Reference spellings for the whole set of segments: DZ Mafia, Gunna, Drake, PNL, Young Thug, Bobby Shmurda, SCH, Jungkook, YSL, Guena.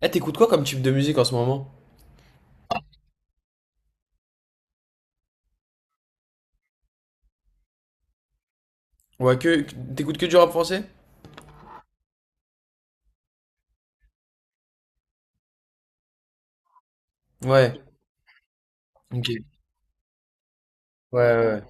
Eh, t'écoutes quoi comme type de musique en ce moment? Ouais, que t'écoutes que du rap français? Ouais. Ok. Ouais, ouais, ouais.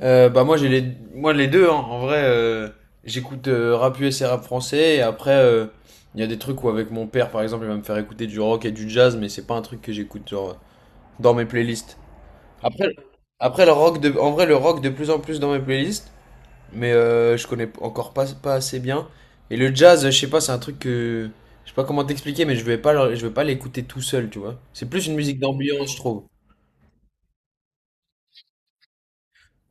Bah moi les deux hein. En vrai, j'écoute rap US et rap français et après il y a des trucs où avec mon père par exemple, il va me faire écouter du rock et du jazz, mais c'est pas un truc que j'écoute genre dans mes playlists. Après après le rock de en vrai le rock de plus en plus dans mes playlists, mais je connais encore pas assez bien. Et le jazz, je sais pas, c'est un truc que je sais pas comment t'expliquer, mais je vais pas l'écouter tout seul, tu vois. C'est plus une musique d'ambiance, je trouve.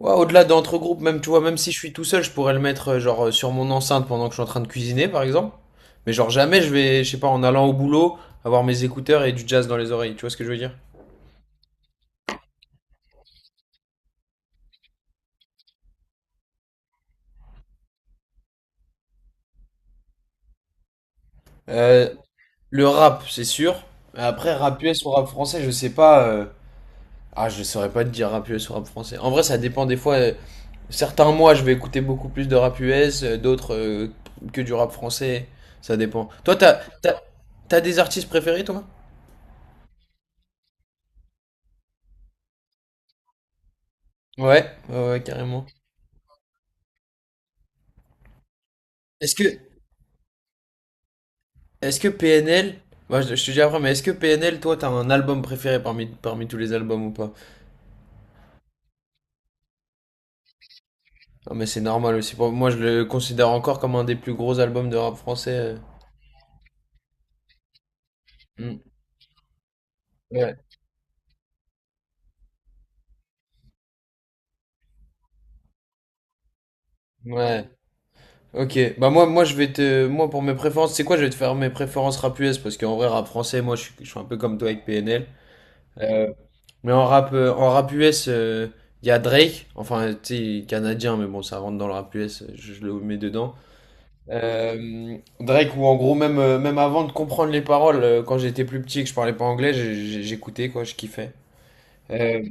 Ouais, au-delà d'entre groupes, même tu vois, même si je suis tout seul, je pourrais le mettre genre sur mon enceinte pendant que je suis en train de cuisiner, par exemple. Mais genre jamais je vais, je sais pas, en allant au boulot, avoir mes écouteurs et du jazz dans les oreilles. Tu vois ce que je veux dire? Euh, le rap, c'est sûr. Mais après, rap US ou rap français, je sais pas. Ah, je saurais pas te dire rap US ou rap français. En vrai, ça dépend des fois. Certains mois, je vais écouter beaucoup plus de rap US, d'autres que du rap français. Ça dépend. Toi, t'as des artistes préférés, toi? Ouais, ouais, ouais, carrément. Est-ce que, est-ce que PNL, bah, je te dis après, mais est-ce que PNL, toi, t'as un album préféré parmi tous les albums ou pas? Non, mais c'est normal aussi. Pour moi, je le considère encore comme un des plus gros albums de rap français. Mm. Ouais, ouais. Ok, bah moi moi pour mes préférences, c'est quoi? Je vais te faire mes préférences rap US parce qu'en vrai rap français, moi je suis un peu comme toi avec PNL. Mais en rap US, il y a Drake, enfin, tu sais, canadien, mais bon, ça rentre dans le rap US, je le mets dedans. Drake, ou en gros, même, même avant de comprendre les paroles, quand j'étais plus petit et que je parlais pas anglais, j'écoutais, quoi, je kiffais. Euh,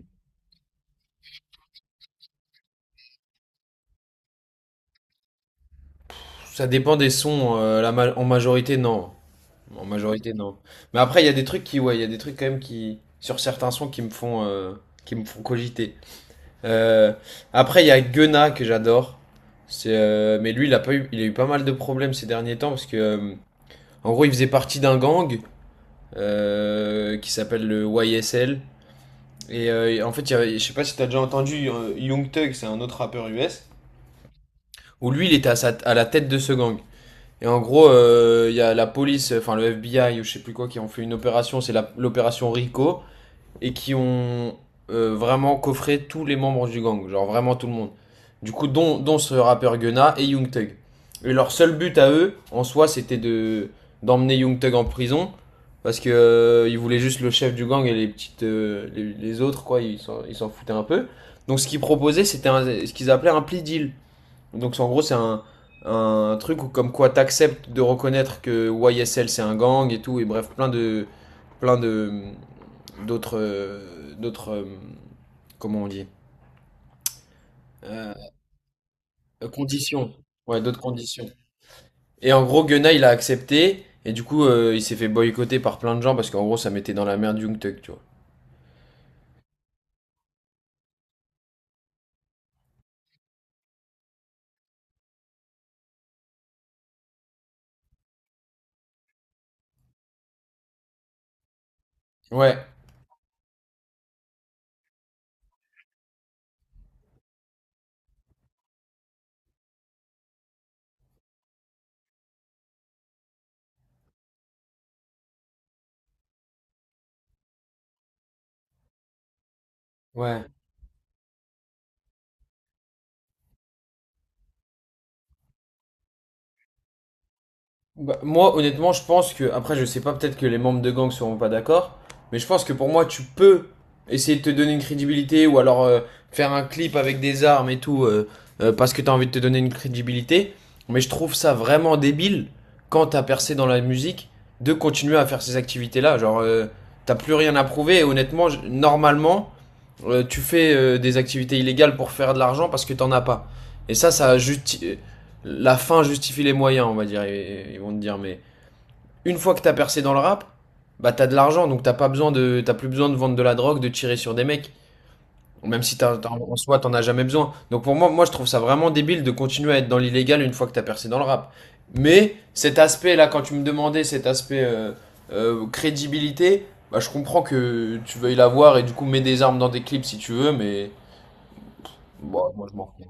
ça dépend des sons, en majorité, non. En majorité, non. Mais après, il y a des trucs qui, ouais, il y a des trucs quand même qui, sur certains sons, qui me font cogiter. Euh, après, il y a Guena que j'adore. Mais lui, il a eu pas mal de problèmes ces derniers temps parce que, en gros, il faisait partie d'un gang qui s'appelle le YSL. Et en fait, je sais pas si t'as déjà entendu Young Thug, c'est un autre rappeur US, où lui, il était à la tête de ce gang. Et en gros, il y a la police, enfin le FBI ou je sais plus quoi, qui ont fait une opération, c'est l'opération Rico. Et qui ont vraiment coffré tous les membres du gang, genre vraiment tout le monde. Du coup, dont ce rappeur Gunna et Young Thug. Et leur seul but à eux, en soi, c'était de d'emmener Young Thug en prison parce que ils voulaient juste le chef du gang et les autres quoi, ils s'en foutaient un peu. Donc ce qu'ils proposaient, c'était ce qu'ils appelaient un plea deal. Donc en gros, c'est un truc où comme quoi t'acceptes de reconnaître que YSL c'est un gang et tout, et bref, plein de d'autres comment on dit, Euh, conditions. Ouais, d'autres conditions. Et en gros, Gunna il a accepté et du coup il s'est fait boycotter par plein de gens parce qu'en gros ça mettait dans la merde Jungkook, tu vois. Ouais, ouais. Bah, moi, honnêtement, je pense que, après, je sais pas, peut-être que les membres de gang seront pas d'accord, mais je pense que pour moi, tu peux essayer de te donner une crédibilité ou alors faire un clip avec des armes et tout parce que t'as envie de te donner une crédibilité. Mais je trouve ça vraiment débile quand t'as percé dans la musique de continuer à faire ces activités-là. Genre, t'as plus rien à prouver et honnêtement, normalement, tu fais des activités illégales pour faire de l'argent parce que t'en as pas. Et ça, la fin justifie les moyens, on va dire, ils, vont te dire. Mais une fois que t'as percé dans le rap, bah t'as de l'argent, donc t'as pas besoin de, t'as plus besoin de vendre de la drogue, de tirer sur des mecs. Même si en soi t'en as jamais besoin. Donc pour moi, moi je trouve ça vraiment débile de continuer à être dans l'illégal une fois que t'as percé dans le rap. Mais cet aspect là, quand tu me demandais cet aspect crédibilité, bah je comprends que tu veuilles l'avoir et du coup mets des armes dans des clips si tu veux, mais bon, moi je m'en fous.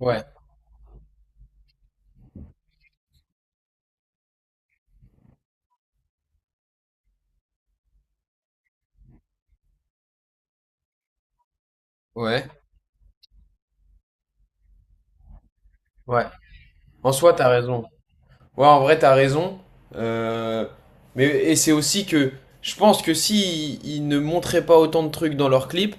Ouais, ouais, ouais. En soi t'as raison. Ouais, en vrai, t'as raison. Euh, mais et c'est aussi que je pense que si ils ne montraient pas autant de trucs dans leurs clips,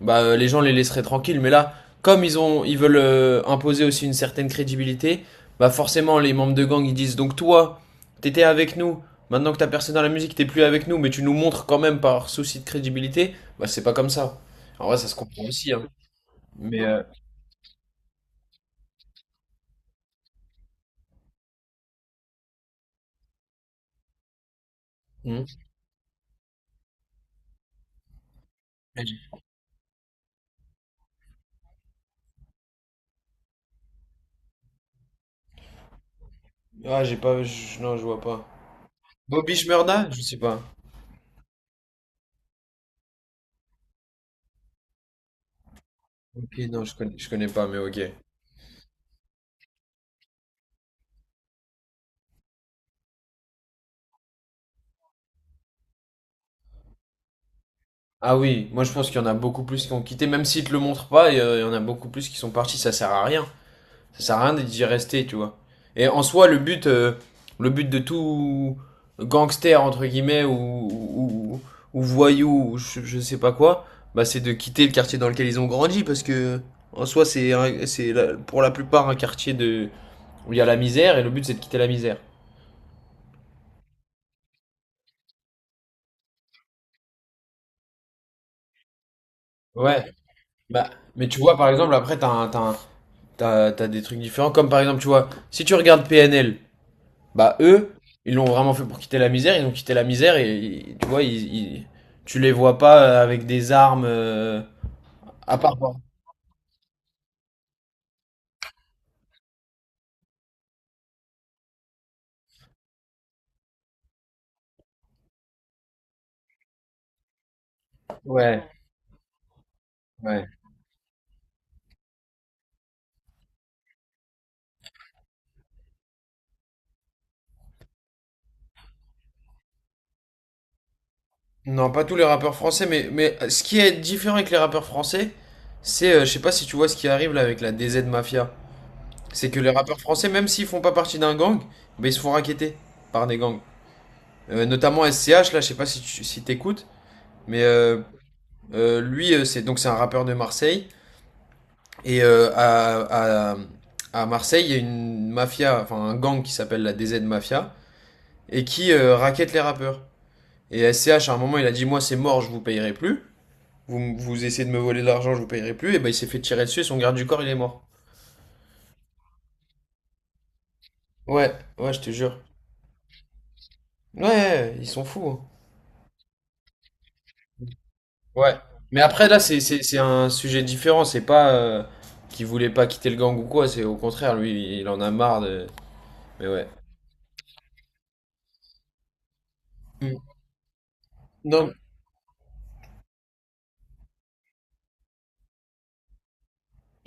bah les gens les laisseraient tranquilles. Mais là, comme ils veulent imposer aussi une certaine crédibilité, bah forcément les membres de gang ils disent donc toi, t'étais avec nous. Maintenant que t'as percé dans la musique, t'es plus avec nous, mais tu nous montres quand même par souci de crédibilité. Bah c'est pas comme ça. En vrai, ça se comprend aussi, hein. Mais euh, hmm. Ah, j'ai pas, non, je vois pas. Bobby Shmurda? Je sais pas. Ok, non, je connais pas, mais ok. Ah oui, moi je pense qu'il y en a beaucoup plus qui ont quitté, même s'ils te le montrent pas, il y en a beaucoup plus qui sont partis, ça sert à rien. Ça sert à rien d'y rester, tu vois. Et en soi, le but de tout gangster, entre guillemets, ou, ou voyou, ou je sais pas quoi, bah c'est de quitter le quartier dans lequel ils ont grandi, parce que en soi, c'est un- c'est la- pour la plupart un quartier où il y a la misère, et le but c'est de quitter la misère. Ouais. Bah, mais tu vois, par exemple, après, t'as des trucs différents. Comme par exemple, tu vois, si tu regardes PNL, bah eux, ils l'ont vraiment fait pour quitter la misère. Ils ont quitté la misère et tu vois, tu les vois pas avec des armes à part. Ouais, ouais. Non, pas tous les rappeurs français, mais ce qui est différent avec les rappeurs français, je sais pas si tu vois ce qui arrive là avec la DZ Mafia. C'est que les rappeurs français, même s'ils font pas partie d'un gang, bah, ils se font racketter par des gangs. Notamment SCH, là, je sais pas si t'écoutes. Mais lui, c'est un rappeur de Marseille. Et à Marseille, il y a une mafia, enfin un gang qui s'appelle la DZ Mafia, et qui raquette les rappeurs. Et S C H à un moment, il a dit, moi c'est mort, je vous payerai plus. Vous, vous essayez de me voler de l'argent, je vous payerai plus. Et ben il s'est fait tirer dessus, et son garde du corps, il est mort. Ouais, ouais, je te jure. Ouais, ouais, ouais, ils sont fous, hein. Ouais. Mais après, là, c'est un sujet différent. C'est pas qu'il voulait pas quitter le gang ou quoi. C'est au contraire, lui, il en a marre de… Mais ouais. Non,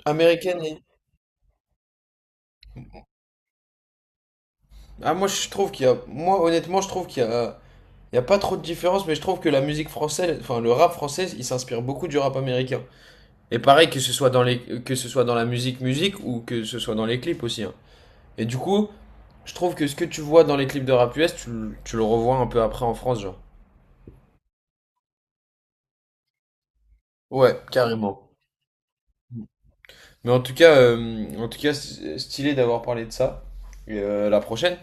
américaine. Ah, moi, je trouve qu'il y a. Moi, honnêtement, je trouve qu'il y a. Il y a pas trop de différence, mais je trouve que la musique française, enfin le rap français, il s'inspire beaucoup du rap américain. Et pareil, que ce soit que ce soit dans la musique musique ou que ce soit dans les clips aussi, hein. Et du coup, je trouve que ce que tu vois dans les clips de rap US, tu le revois un peu après en France, genre. Ouais, carrément. Mais en tout cas, stylé d'avoir parlé de ça. Et la prochaine.